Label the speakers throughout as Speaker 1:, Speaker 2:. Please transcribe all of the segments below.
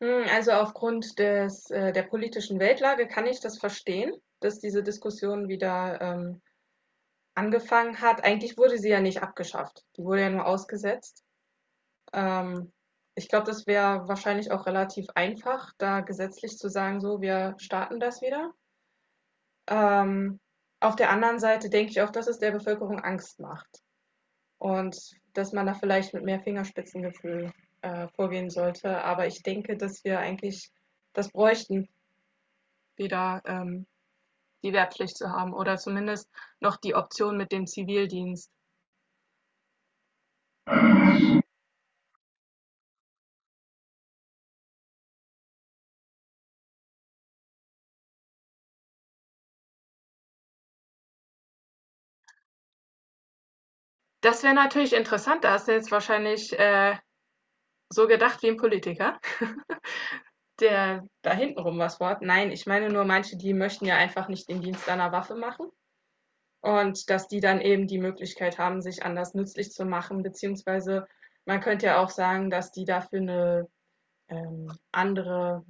Speaker 1: Also aufgrund des der politischen Weltlage kann ich das verstehen, dass diese Diskussion wieder angefangen hat. Eigentlich wurde sie ja nicht abgeschafft. Die wurde ja nur ausgesetzt. Ähm, Ich glaube, das wäre wahrscheinlich auch relativ einfach, da gesetzlich zu sagen, so, wir starten das wieder. Ähm, auf der anderen Seite denke ich auch, dass es der Bevölkerung Angst macht und dass man da vielleicht mit mehr Fingerspitzengefühl vorgehen sollte. Aber ich denke, dass wir eigentlich das bräuchten Wieder die Wehrpflicht zu haben oder zumindest noch die Option mit dem Zivildienst. Das wäre natürlich interessant, da hast du jetzt wahrscheinlich so gedacht wie ein Politiker, der da hintenrum was wort. Nein, ich meine nur manche, die möchten ja einfach nicht den Dienst einer Waffe machen und dass die dann eben die Möglichkeit haben, sich anders nützlich zu machen, beziehungsweise man könnte ja auch sagen, dass die dafür eine andere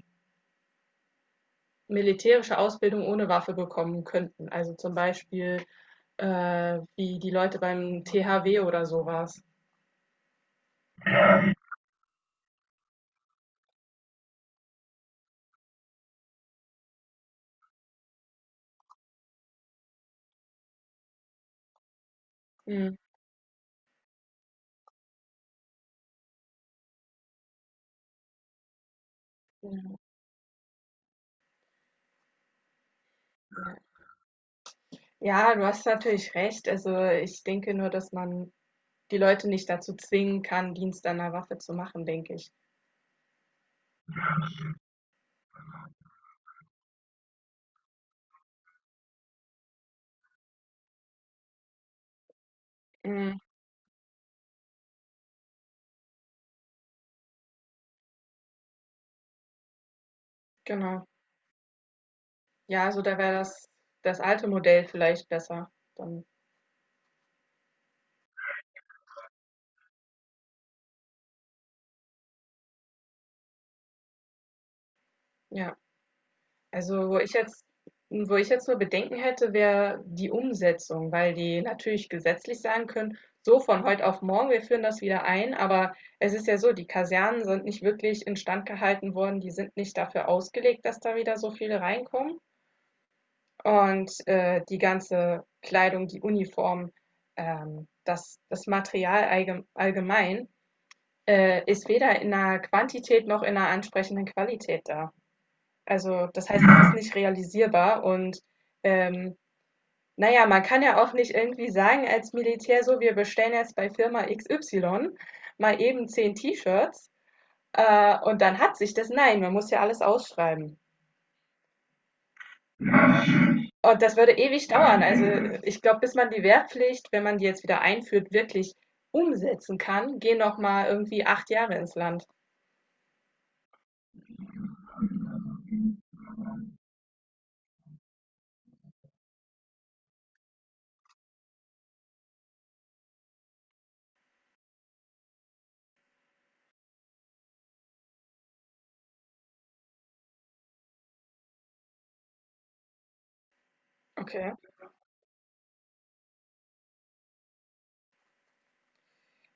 Speaker 1: militärische Ausbildung ohne Waffe bekommen könnten. Also zum Beispiel wie die Leute beim THW oder sowas. Mhm. Ja, du hast natürlich recht. Also ich denke nur, dass man die Leute nicht dazu zwingen kann, Dienst an der Waffe zu machen, denke ich. Mhm. Genau. Ja, also da wäre das, das alte Modell vielleicht besser. Dann, ja. Also, wo ich jetzt nur Bedenken hätte, wäre die Umsetzung, weil die natürlich gesetzlich sagen können, so von heute auf morgen, wir führen das wieder ein, aber es ist ja so, die Kasernen sind nicht wirklich instand gehalten worden, die sind nicht dafür ausgelegt, dass da wieder so viele reinkommen. Und die ganze Kleidung, die Uniform, das Material allgemein ist weder in einer Quantität noch in einer ansprechenden Qualität da. Also, das heißt, es ist nicht realisierbar und ähm, naja, man kann ja auch nicht irgendwie sagen als Militär so, wir bestellen jetzt bei Firma XY mal eben 10 T-Shirts und dann hat sich das. Nein, man muss ja alles ausschreiben. Und das würde ewig dauern. Also ich glaube, bis man die Wehrpflicht, wenn man die jetzt wieder einführt, wirklich umsetzen kann, gehen noch mal irgendwie 8 Jahre ins Land. Okay.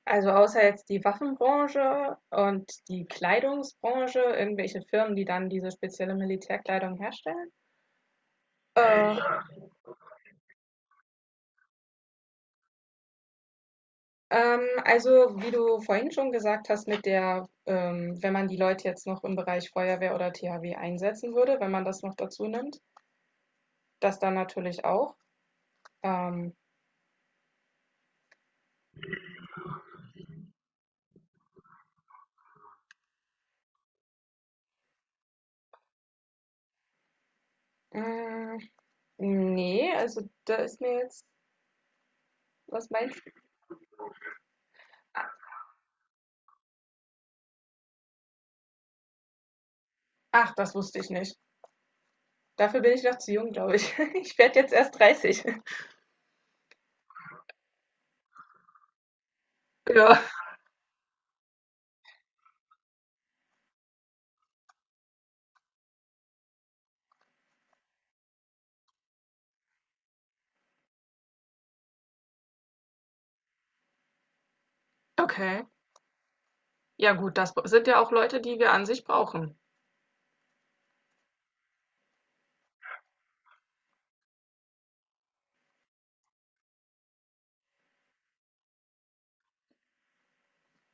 Speaker 1: Also außer jetzt die Waffenbranche und die Kleidungsbranche, irgendwelche Firmen, die dann diese spezielle Militärkleidung herstellen. Äh, also wie du vorhin schon gesagt hast, wenn man die Leute jetzt noch im Bereich Feuerwehr oder THW einsetzen würde, wenn man das noch dazu nimmt, das dann natürlich auch. Ähm, mh, nee, also da ist mir jetzt, was meinst du? Ach, das wusste ich nicht. Dafür bin ich noch zu jung, glaube ich. Ich werde jetzt erst 30. Ja, okay. Ja gut, das sind ja auch Leute, die wir an sich brauchen.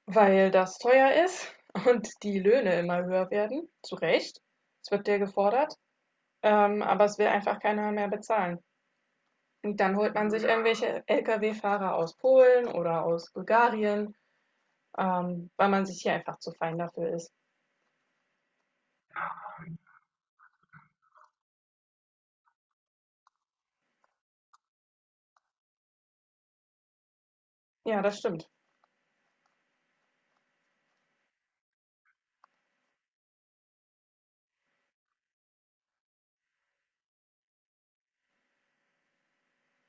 Speaker 1: Weil das teuer ist und die Löhne immer höher werden, zu Recht. Es wird dir gefordert, aber es will einfach keiner mehr bezahlen. Und dann holt man sich irgendwelche Lkw-Fahrer aus Polen oder aus Bulgarien, weil man sich hier einfach zu fein dafür ist. Ja, das stimmt.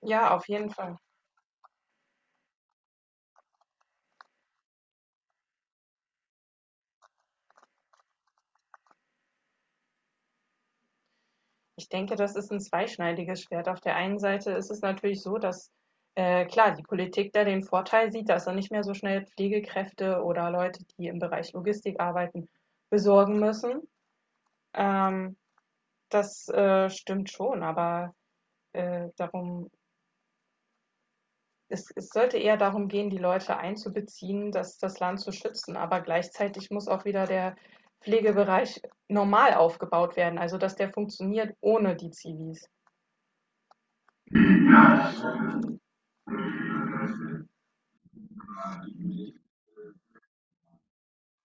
Speaker 1: Ja, auf jeden Fall. Ich denke, das ist ein zweischneidiges Schwert. Auf der einen Seite ist es natürlich so, dass, klar, die Politik da den Vorteil sieht, dass er nicht mehr so schnell Pflegekräfte oder Leute, die im Bereich Logistik arbeiten, besorgen müssen. Ähm, das, stimmt schon, aber, darum es es sollte eher darum gehen, die Leute einzubeziehen, das das Land zu schützen, aber gleichzeitig muss auch wieder der Pflegebereich normal aufgebaut werden, also dass der funktioniert ohne die Zivis.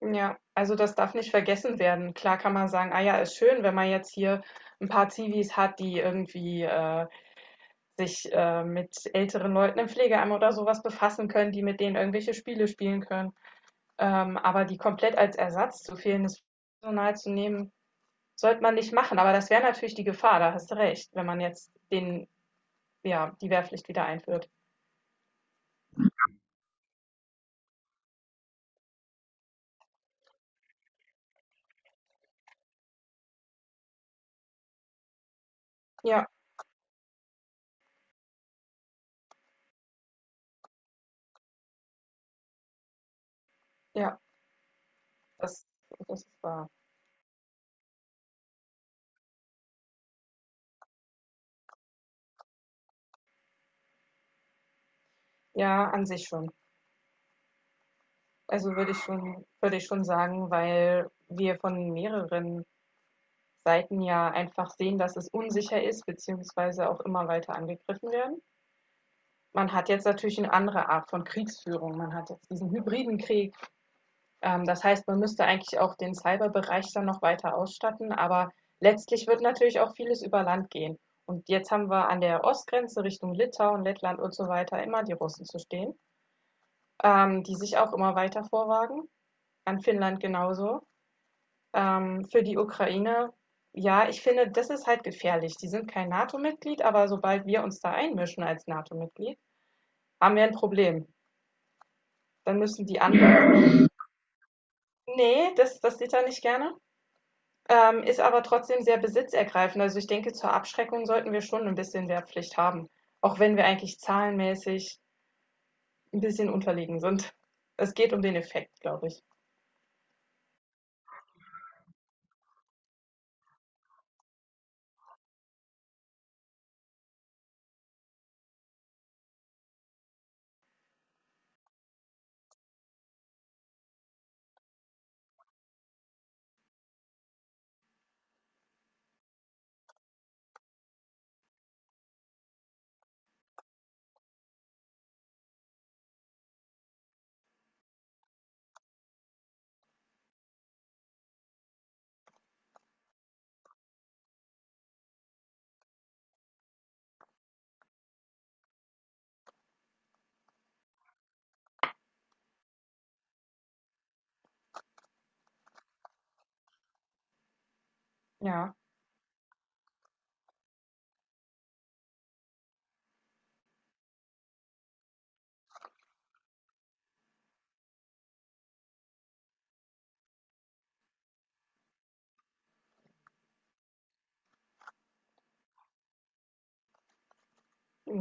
Speaker 1: Ja, also das darf nicht vergessen werden. Klar kann man sagen, ah ja, ist schön, wenn man jetzt hier ein paar Zivis hat, die irgendwie, sich, mit älteren Leuten im Pflegeheim oder sowas befassen können, die mit denen irgendwelche Spiele spielen können. Aber die komplett als Ersatz zu fehlendes Personal zu nehmen, sollte man nicht machen. Aber das wäre natürlich die Gefahr, da hast du recht, wenn man jetzt den ja, die Wehrpflicht wieder einführt. Ja, ja, das ist wahr. Ja, an sich schon. Also würde ich schon sagen, weil wir von mehreren Seiten ja einfach sehen, dass es unsicher ist, beziehungsweise auch immer weiter angegriffen werden. Man hat jetzt natürlich eine andere Art von Kriegsführung. Man hat jetzt diesen hybriden Krieg. Das heißt, man müsste eigentlich auch den Cyberbereich dann noch weiter ausstatten. Aber letztlich wird natürlich auch vieles über Land gehen. Und jetzt haben wir an der Ostgrenze Richtung Litauen, Lettland und so weiter immer die Russen zu stehen, die sich auch immer weiter vorwagen. An Finnland genauso. Für die Ukraine, ja, ich finde, das ist halt gefährlich. Die sind kein NATO-Mitglied, aber sobald wir uns da einmischen als NATO-Mitglied, haben wir ein Problem. Dann müssen die anderen. Nee, das sieht er nicht gerne. Ist aber trotzdem sehr besitzergreifend. Also ich denke, zur Abschreckung sollten wir schon ein bisschen Wehrpflicht haben. Auch wenn wir eigentlich zahlenmäßig ein bisschen unterlegen sind. Es geht um den Effekt, glaube ich. Ja,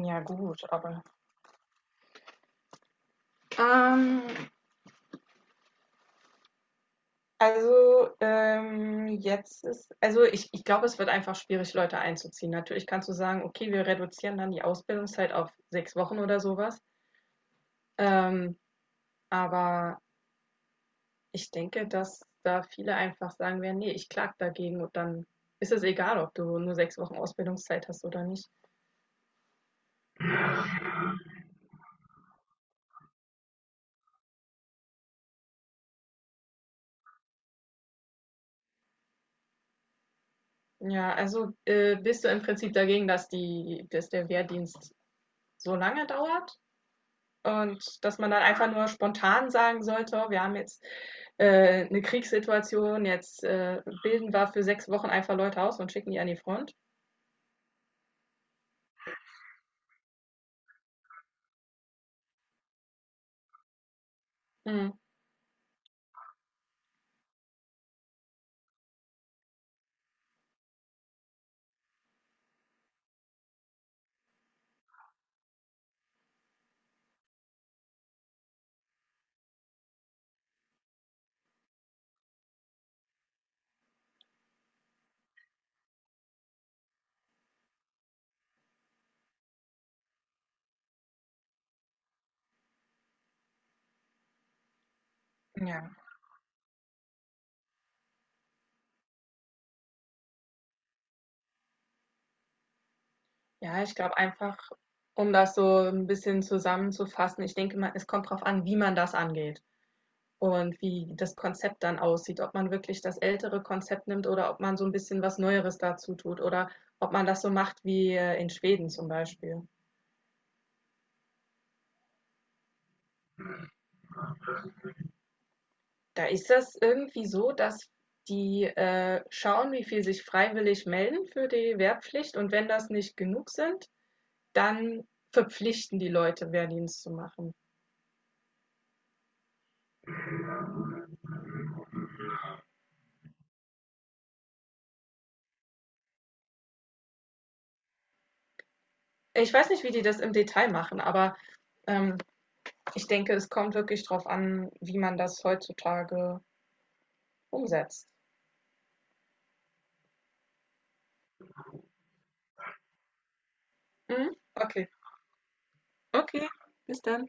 Speaker 1: ja, gut, aber. Ähm, Also, jetzt ist also, ich glaube, es wird einfach schwierig, Leute einzuziehen. Natürlich kannst du sagen: „Okay, wir reduzieren dann die Ausbildungszeit auf 6 Wochen“ oder sowas. Ähm, aber ich denke, dass da viele einfach sagen werden: Nee, ich klage dagegen“ und dann ist es egal, ob du nur 6 Wochen Ausbildungszeit hast oder nicht. Ja, also, bist du im Prinzip dagegen, dass der Wehrdienst so lange dauert? Und dass man dann einfach nur spontan sagen sollte, oh, wir haben jetzt eine Kriegssituation, jetzt bilden wir für 6 Wochen einfach Leute aus und schicken die an die Front. Mhm. Ja. Ja, ich glaube einfach, um das so ein bisschen zusammenzufassen, ich denke mal, es kommt darauf an, wie man das angeht und wie das Konzept dann aussieht, ob man wirklich das ältere Konzept nimmt oder ob man so ein bisschen was Neueres dazu tut oder ob man das so macht wie in Schweden zum Beispiel. Da ist das irgendwie so, dass die schauen, wie viel sich freiwillig melden für die Wehrpflicht und wenn das nicht genug sind, dann verpflichten die Leute, Wehrdienst zu machen. Ich weiß nicht, wie die das im Detail machen, aber ähm, ich denke, es kommt wirklich drauf an, wie man das heutzutage umsetzt. Mhm. Okay, okay, bis dann.